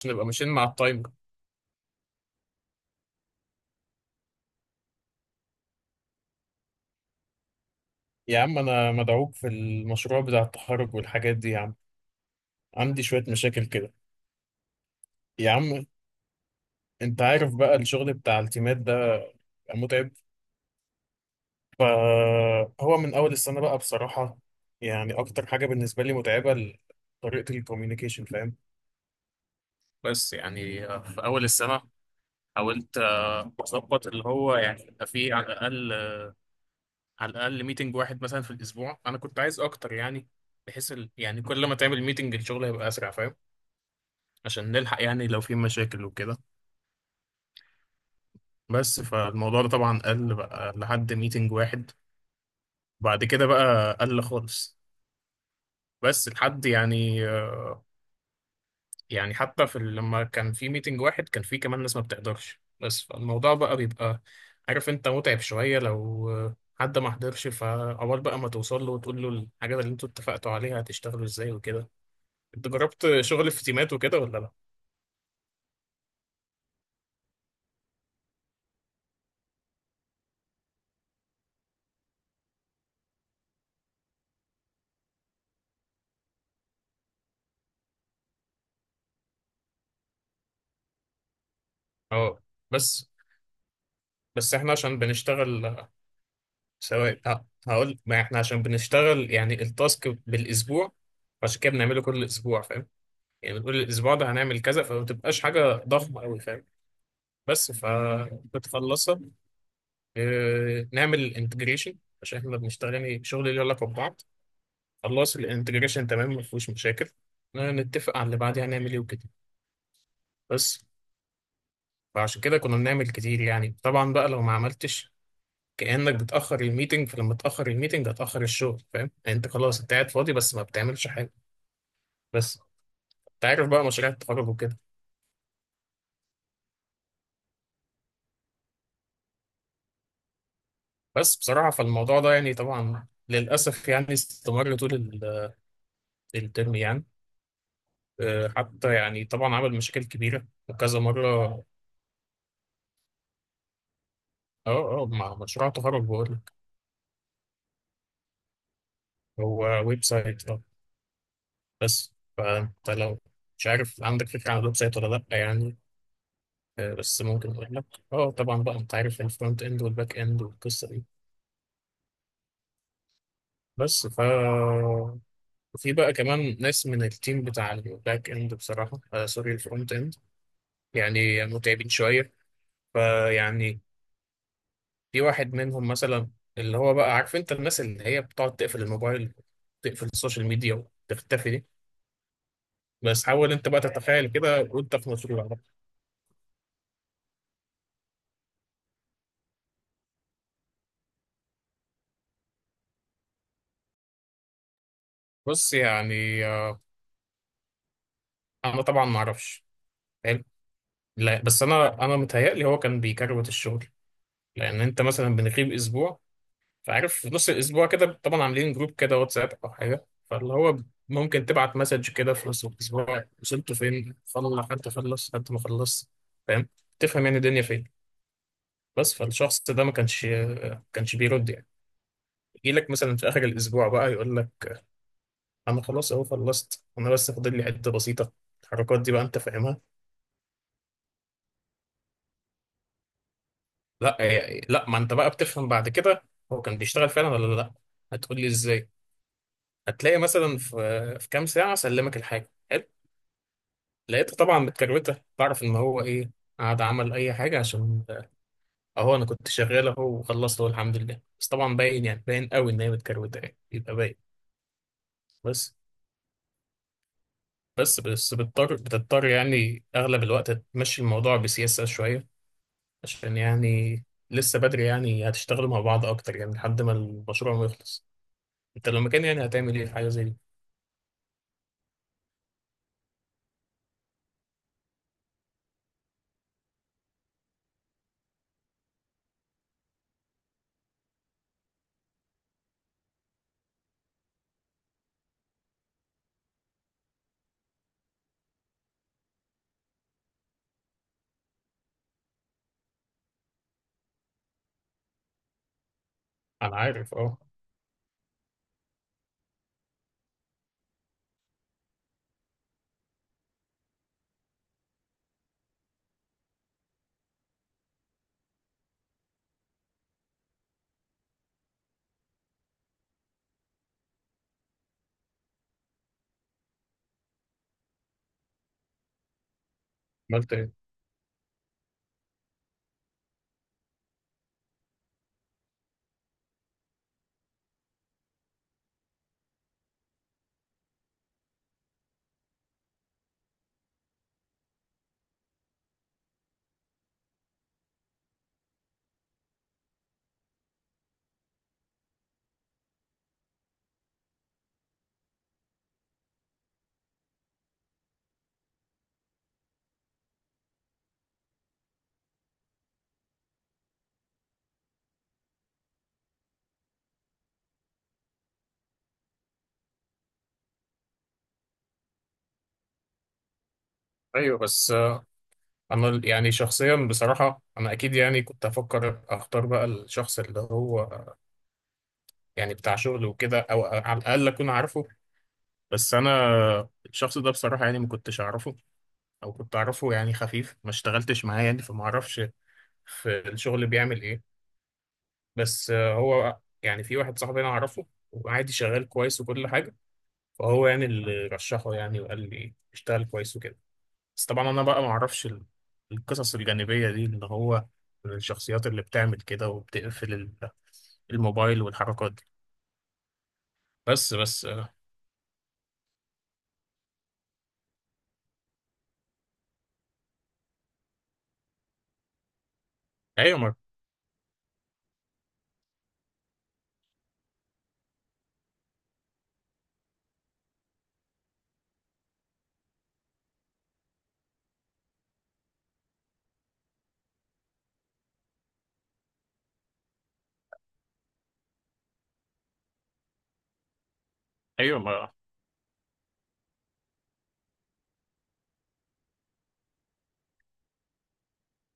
عشان نبقى ماشيين مع التايمر. يا عم انا مدعوك في المشروع بتاع التخرج والحاجات دي يا عم. عندي شوية مشاكل كده. يا عم انت عارف بقى الشغل بتاع التيمات ده بيبقى متعب. فهو من اول السنة بقى بصراحة. يعني اكتر حاجة بالنسبة لي متعبة طريقة الكوميونيكيشن فاهم. بس يعني في اول السنة حاولت اظبط اللي هو يعني يبقى فيه على الاقل، على الاقل ميتنج واحد مثلا في الاسبوع، انا كنت عايز اكتر يعني، بحيث يعني كل ما تعمل ميتنج الشغل هيبقى اسرع فاهم، عشان نلحق يعني لو في مشاكل وكده. بس فالموضوع ده طبعا قل بقى لحد ميتنج واحد. بعد كده بقى قل خالص. بس لحد يعني، يعني حتى في لما كان في ميتنج واحد كان في كمان ناس ما بتقدرش، بس فالموضوع بقى بيبقى عارف انت متعب شوية لو حد ما حضرش، فعقبال بقى ما توصل له وتقول له الحاجات اللي انتوا اتفقتوا عليها هتشتغلوا ازاي وكده. انت جربت شغل في تيمات وكده ولا لا؟ اه. بس بس احنا عشان بنشتغل، سواء هقول ما احنا عشان بنشتغل يعني التاسك بالاسبوع، عشان كده بنعمله كل اسبوع فاهم. يعني بنقول الاسبوع ده هنعمل كذا، فما بتبقاش حاجه ضخمه قوي فاهم. بس فبتخلصها، اه نعمل الانتجريشن، عشان احنا بنشتغل يعني شغل ليه علاقه ببعض. خلص الانتجريشن تمام ما فيهوش مشاكل، اه، نتفق على اللي بعديها هنعمل ايه وكده. بس فعشان كده كنا بنعمل كتير. يعني طبعا بقى لو ما عملتش كأنك بتأخر الميتنج، فلما تأخر الميتنج هتأخر الشغل فاهم، يعني انت خلاص انت قاعد فاضي بس ما بتعملش حاجة. بس انت عارف بقى مشاريع التخرج وكده. بس بصراحة فالموضوع ده يعني طبعا للأسف يعني استمر طول الترم يعني. حتى يعني طبعا عمل مشاكل كبيرة وكذا مرة. اه اه مع مشروع تخرج بقول لك. هو ويب سايت اه. بس فانت لو مش عارف عندك فكرة عن الويب سايت ولا لأ يعني. بس ممكن اقول لك. اه طبعا بقى انت عارف الفرونت اند والباك اند والقصة دي. بس في بقى كمان ناس من التيم بتاع الباك اند، بصراحة آه سوري الفرونت اند، يعني متعبين شوية. فيعني في واحد منهم مثلا، اللي هو بقى عارف انت الناس اللي هي بتقعد تقفل الموبايل، تقفل السوشيال ميديا وتختفي دي. بس حاول انت بقى تتخيل كده وانت في مشروع ده. بص يعني آه، انا طبعا ما اعرفش. حلو. لا بس انا متهيألي هو كان بيكروت الشغل. لان انت مثلا بنغيب اسبوع، فعارف في نص الاسبوع كده طبعا عاملين جروب كده واتساب او حاجه، فاللي هو ممكن تبعت مسج كده في نص الاسبوع وصلتوا فين، فل حد خلص حد ما خلص فاهم، تفهم يعني الدنيا فين. بس فالشخص ده ما كانش، بيرد يعني. يجي لك مثلا في اخر الاسبوع بقى يقول لك انا خلاص اهو خلصت انا، بس فاضل لي حته بسيطه. الحركات دي بقى انت فاهمها. لا يعني لا ما انت بقى بتفهم بعد كده هو كان بيشتغل فعلا ولا لا. هتقول لي ازاي؟ هتلاقي مثلا في كام ساعه سلمك الحاجه، لقيته طبعا متكروته، بعرف ان هو ايه قعد عمل اي حاجه عشان اهو انا كنت شغال اهو وخلصت اهو الحمد لله، بس طبعا باين يعني باين قوي ان هي متكروته يعني يبقى باين. بس بس بتضطر يعني اغلب الوقت تمشي الموضوع بسياسه شويه، عشان يعني لسه بدري يعني هتشتغلوا مع بعض اكتر يعني لحد ما المشروع ما يخلص. انت لو مكان يعني هتعمل ايه في حاجه زي دي؟ انا عارف اه. عملت ايه؟ ايوه بس انا يعني شخصيا بصراحه انا اكيد يعني كنت افكر اختار بقى الشخص اللي هو يعني بتاع شغل وكده، او على الاقل اكون عارفه. بس انا، الشخص ده بصراحه يعني ما كنتش اعرفه، او كنت اعرفه يعني خفيف ما اشتغلتش معاه يعني فما اعرفش في الشغل بيعمل ايه. بس هو يعني في واحد صاحبي انا اعرفه، وعادي شغال كويس وكل حاجه. فهو يعني اللي رشحه يعني وقال لي اشتغل كويس وكده. بس طبعا انا بقى ما اعرفش القصص الجانبيه دي، اللي هو الشخصيات اللي بتعمل كده وبتقفل الموبايل والحركات دي. بس ايوه ما ايوه ما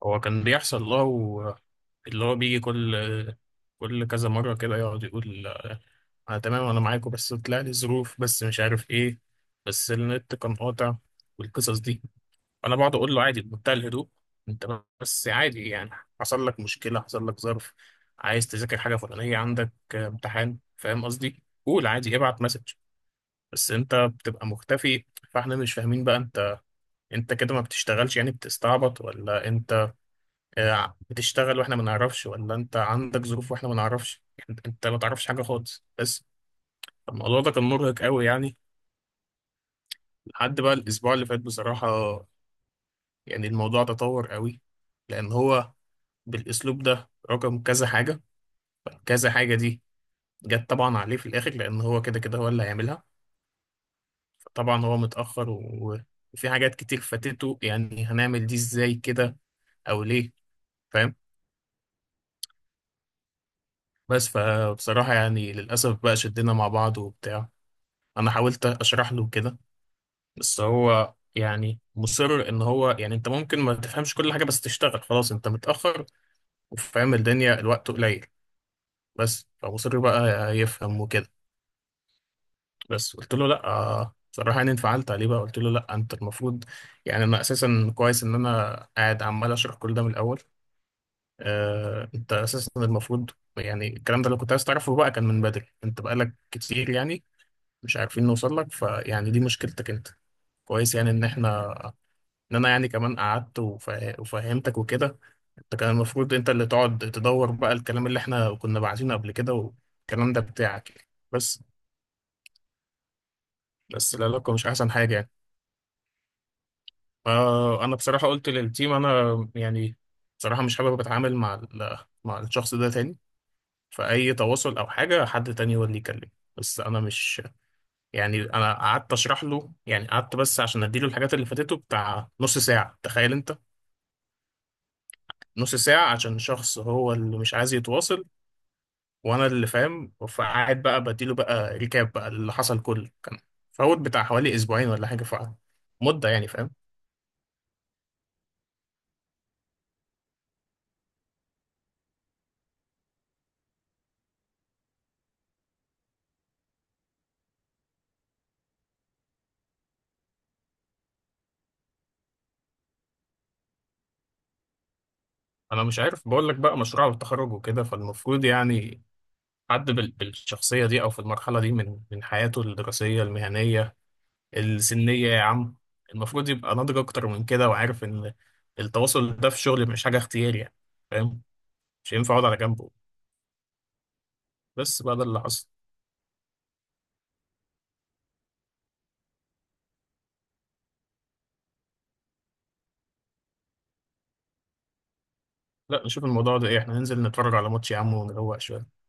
هو كان بيحصل له آه، اللي هو بيجي كل كل كذا مره كده يقعد يقول انا تمام انا معاكم، بس طلع لي ظروف، بس مش عارف ايه، بس النت كان قاطع، والقصص دي. انا بقعد اقول له عادي بمنتهى الهدوء، انت بس عادي يعني حصل لك مشكله، حصل لك ظرف، عايز تذاكر حاجه فلانيه، عندك امتحان فاهم قصدي، قول عادي ابعت مسج. بس انت بتبقى مختفي، فاحنا مش فاهمين بقى انت، انت كده ما بتشتغلش يعني بتستعبط، ولا انت بتشتغل واحنا ما نعرفش، ولا انت عندك ظروف واحنا ما نعرفش. انت ما تعرفش حاجه خالص. بس الموضوع ده كان مرهق قوي يعني، لحد بقى الاسبوع اللي فات بصراحه. يعني الموضوع تطور قوي، لان هو بالاسلوب ده رقم كذا حاجه، كذا حاجه دي جت طبعا عليه في الاخر، لان هو كده كده هو اللي هيعملها. فطبعا هو متاخر وفي حاجات كتير فاتته، يعني هنعمل دي ازاي كده او ليه، فاهم؟ بس فبصراحه يعني للاسف بقى شدنا مع بعض وبتاع. انا حاولت اشرح له كده، بس هو يعني مصر ان هو يعني انت ممكن ما تفهمش كل حاجه بس تشتغل خلاص، انت متاخر وفاهم الدنيا الوقت قليل. بس فمصر بقى يفهم وكده. بس قلت له لا، صراحة يعني انفعلت عليه بقى، قلت له لا انت المفروض، يعني انا اساسا كويس ان انا قاعد عمال اشرح كل ده من الاول. آه انت اساسا المفروض، يعني الكلام ده لو كنت عايز تعرفه بقى كان من بدري، انت بقالك كتير يعني مش عارفين نوصل لك، فيعني دي مشكلتك انت. كويس يعني ان احنا، ان انا يعني كمان قعدت وفهمتك وكده، انت كان المفروض انت اللي تقعد تدور بقى الكلام اللي احنا كنا باعتينه قبل كده والكلام ده بتاعك يعني. بس. بس العلاقة مش احسن حاجة يعني. آه انا بصراحه قلت للتيم انا يعني بصراحه مش حابب اتعامل مع مع الشخص ده تاني، فاي تواصل او حاجه حد تاني هو اللي يكلم. بس انا مش، يعني انا قعدت اشرح له، يعني قعدت بس عشان اديله الحاجات اللي فاتته بتاع نص ساعه تخيل انت. نص ساعه عشان شخص هو اللي مش عايز يتواصل، وانا اللي فاهم، فقعد بقى بديله بقى ريكاب بقى اللي حصل كله، كان فوت بتاع حوالي اسبوعين ولا حاجه فمده يعني، فاهم. انا مش عارف بقول لك بقى مشروع التخرج وكده، فالمفروض يعني حد بالشخصية دي أو في المرحلة دي من حياته الدراسية المهنية السنية يا عم، المفروض يبقى ناضج أكتر من كده، وعارف إن التواصل ده في الشغل مش حاجة اختياري يعني، فاهم. مش هينفع أقعد على جنبه. بس بقى ده اللي حصل. لا نشوف الموضوع ده إيه، إحنا ننزل نتفرج على ماتش يا عم ونروق شوية.